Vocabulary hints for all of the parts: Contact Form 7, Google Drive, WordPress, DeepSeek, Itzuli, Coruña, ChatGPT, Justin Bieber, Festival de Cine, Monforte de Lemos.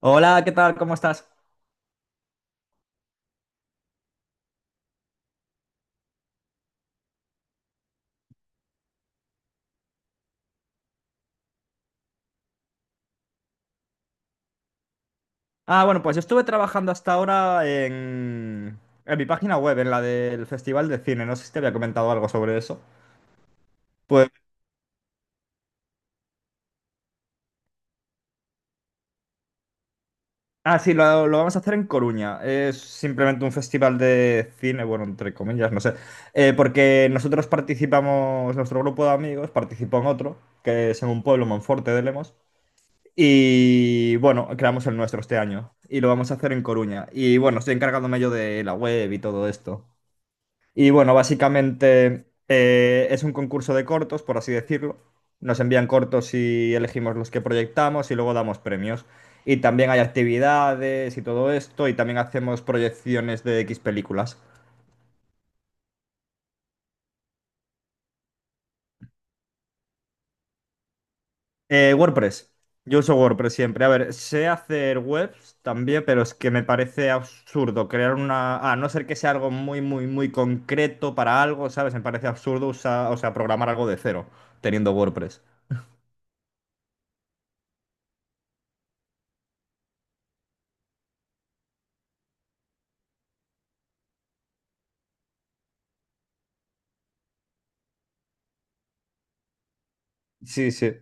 Hola, ¿qué tal? ¿Cómo estás? Bueno, pues yo estuve trabajando hasta ahora en mi página web, en la del Festival de Cine. No sé si te había comentado algo sobre eso. Pues, sí, lo vamos a hacer en Coruña. Es simplemente un festival de cine, bueno, entre comillas, no sé. Porque nosotros participamos, nuestro grupo de amigos participó en otro, que es en un pueblo, Monforte de Lemos. Y bueno, creamos el nuestro este año y lo vamos a hacer en Coruña. Y bueno, estoy encargándome yo de la web y todo esto. Y bueno, básicamente es un concurso de cortos, por así decirlo. Nos envían cortos y elegimos los que proyectamos y luego damos premios. Y también hay actividades y todo esto, y también hacemos proyecciones de X películas. WordPress. Yo uso WordPress siempre. A ver, sé hacer webs también, pero es que me parece absurdo crear una A no ser que sea algo muy, muy, muy concreto para algo, ¿sabes? Me parece absurdo usar, o sea, programar algo de cero teniendo WordPress. Sí, sí.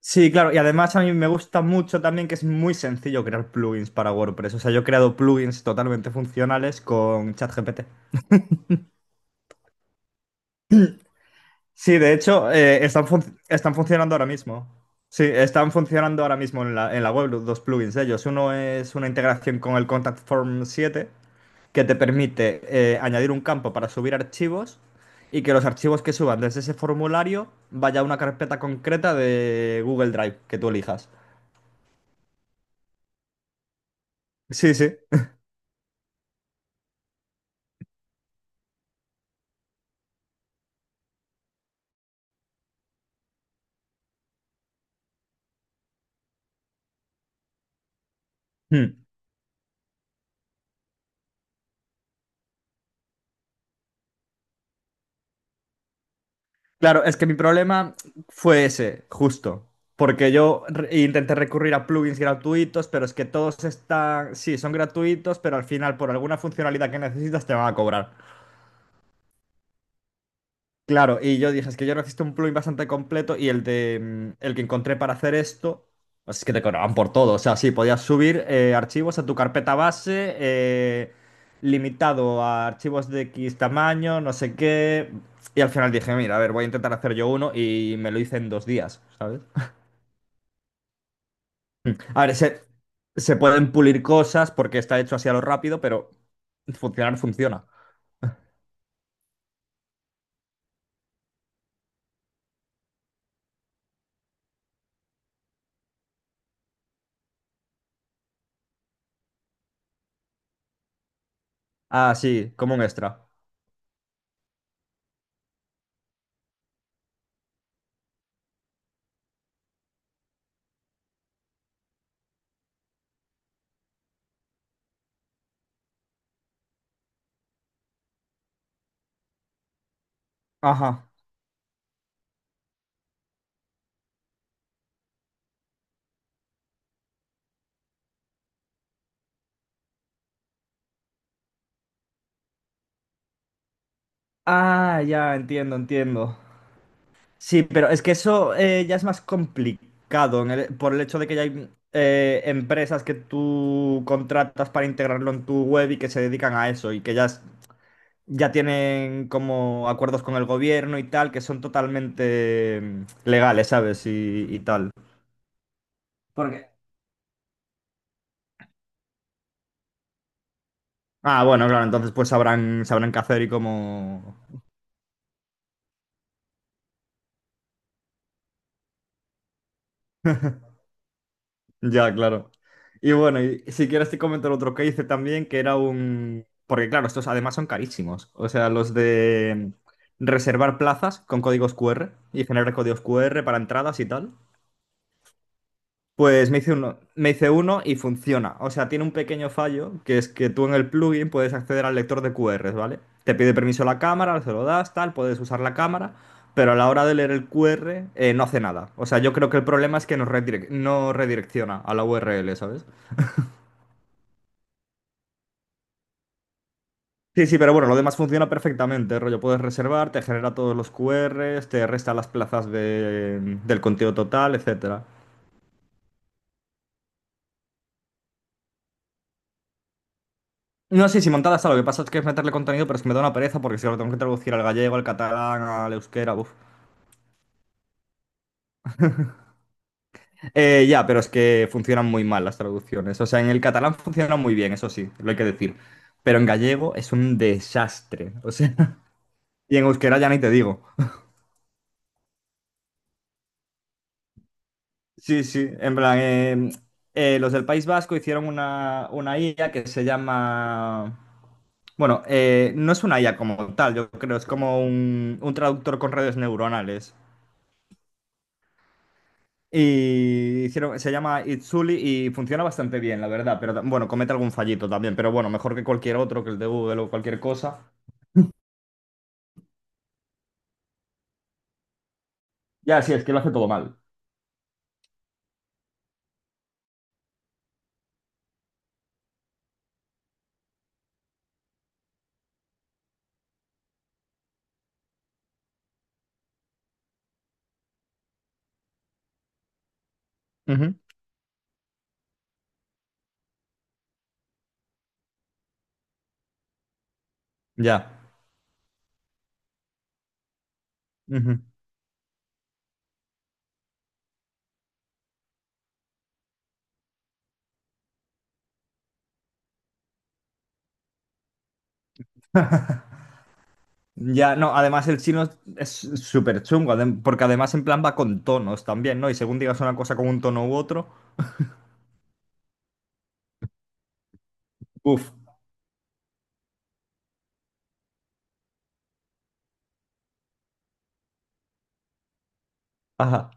Sí, claro, y además a mí me gusta mucho también que es muy sencillo crear plugins para WordPress. O sea, yo he creado plugins totalmente funcionales con ChatGPT. Sí, de hecho, están funcionando ahora mismo. Sí, están funcionando ahora mismo en en la web los dos plugins de ellos. Uno es una integración con el Contact Form 7 que te permite añadir un campo para subir archivos y que los archivos que suban desde ese formulario vaya a una carpeta concreta de Google Drive que tú elijas. Sí, sí. Hmm. Claro, es que mi problema fue ese, justo. Porque yo intenté recurrir a plugins gratuitos, pero es que todos están, sí, son gratuitos, pero al final por alguna funcionalidad que necesitas te van a cobrar. Claro, y yo dije, es que yo necesito un plugin bastante completo y el de el que encontré para hacer esto, pues es que te cobraban por todo. O sea, sí, podías subir archivos a tu carpeta base, limitado a archivos de X tamaño, no sé qué. Y al final dije, mira, a ver, voy a intentar hacer yo uno y me lo hice en dos días, ¿sabes? A ver, se pueden pulir cosas porque está hecho así a lo rápido, pero funcionar funciona. Ah, sí, como un extra. Ajá. Ah, ya, entiendo, entiendo. Sí, pero es que eso ya es más complicado en por el hecho de que ya hay empresas que tú contratas para integrarlo en tu web y que se dedican a eso y que ya, ya tienen como acuerdos con el gobierno y tal, que son totalmente legales, ¿sabes? Y tal. Porque, Ah, bueno, claro, entonces pues sabrán, sabrán qué hacer y cómo Ya, claro. Y bueno, y si quieres te comento el otro que hice también, que era un Porque claro, estos además son carísimos. O sea, los de reservar plazas con códigos QR y generar códigos QR para entradas y tal. Pues me hice uno y funciona. O sea, tiene un pequeño fallo, que es que tú en el plugin puedes acceder al lector de QRs, ¿vale? Te pide permiso la cámara, se lo das, tal, puedes usar la cámara, pero a la hora de leer el QR no hace nada. O sea, yo creo que el problema es que nos no redirecciona a la URL, ¿sabes? Sí, sí, pero bueno, lo demás funciona perfectamente. Rollo, puedes reservar, te genera todos los Q QRs, te resta las plazas del contenido total, etcétera. No sí, si montada está, lo que pasa es que es meterle contenido, pero es que me da una pereza porque si lo tengo que traducir al gallego, al catalán, al euskera, buf. Ya, pero es que funcionan muy mal las traducciones. O sea, en el catalán funciona muy bien, eso sí, lo hay que decir. Pero en gallego es un desastre. O sea, y en euskera ya ni te digo. Sí, sí, en plan, los del País Vasco hicieron una IA que se llama, bueno, no es una IA como tal, yo creo, es como un traductor con redes neuronales. Y hicieron, se llama Itzuli y funciona bastante bien, la verdad, pero comete algún fallito también, pero bueno, mejor que cualquier otro, que el de Google o cualquier cosa. Ya, sí, es que lo hace todo mal. Ujú. Ya. Ujú. Ya, no, además el chino es súper chungo, porque además en plan va con tonos también, ¿no? Y según digas una cosa con un tono u otro, uff, ajá.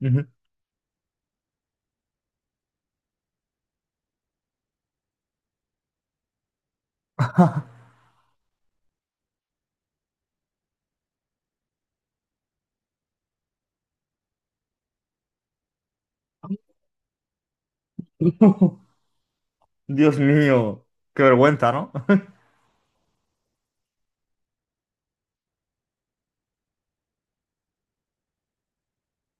Ujú. Dios mío, qué vergüenza, ¿no?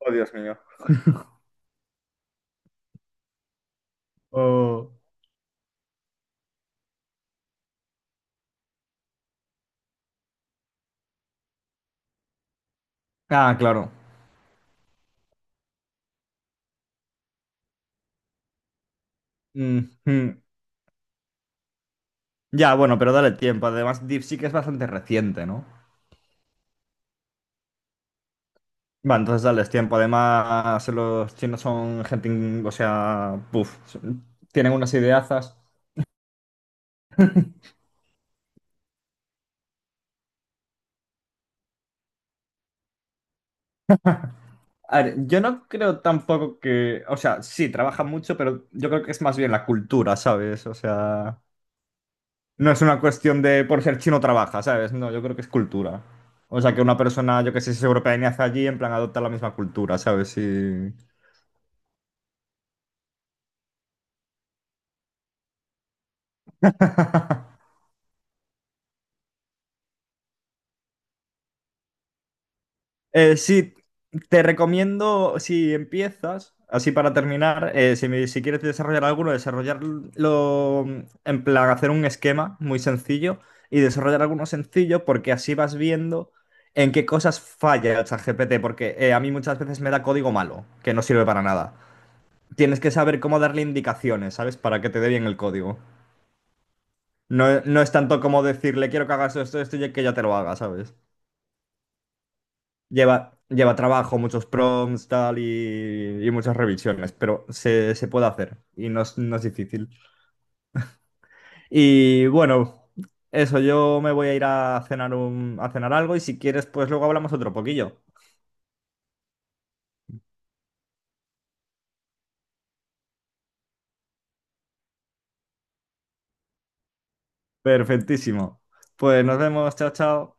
Oh, Dios mío. Oh. Ah, claro. Mm, mm. Ya, bueno, pero dale tiempo. Además, DeepSeek es bastante reciente, ¿no? Va, entonces dales tiempo. Además, los chinos son gente, o sea, puf, tienen unas ideazas. A ver, yo no creo tampoco que, o sea, sí, trabaja mucho, pero yo creo que es más bien la cultura, ¿sabes? O sea, no es una cuestión de por ser chino trabaja, ¿sabes? No, yo creo que es cultura. O sea, que una persona, yo que sé, si es europea y nace allí, en plan adopta la misma cultura, ¿sabes? Sí. Sí, te recomiendo, si empiezas, así para terminar, si quieres desarrollar alguno, desarrollarlo en plan, hacer un esquema muy sencillo y desarrollar alguno sencillo porque así vas viendo en qué cosas falla el ChatGPT, porque a mí muchas veces me da código malo, que no sirve para nada. Tienes que saber cómo darle indicaciones, ¿sabes? Para que te dé bien el código. No, no es tanto como decirle, quiero que hagas esto, esto y que ya te lo haga, ¿sabes? Lleva trabajo, muchos prompts, tal, y muchas revisiones, pero se puede hacer y no es, no es difícil. Y bueno, eso, yo me voy a ir a cenar, un, a cenar algo y si quieres, pues luego hablamos otro poquillo. Perfectísimo. Pues nos vemos, chao, chao.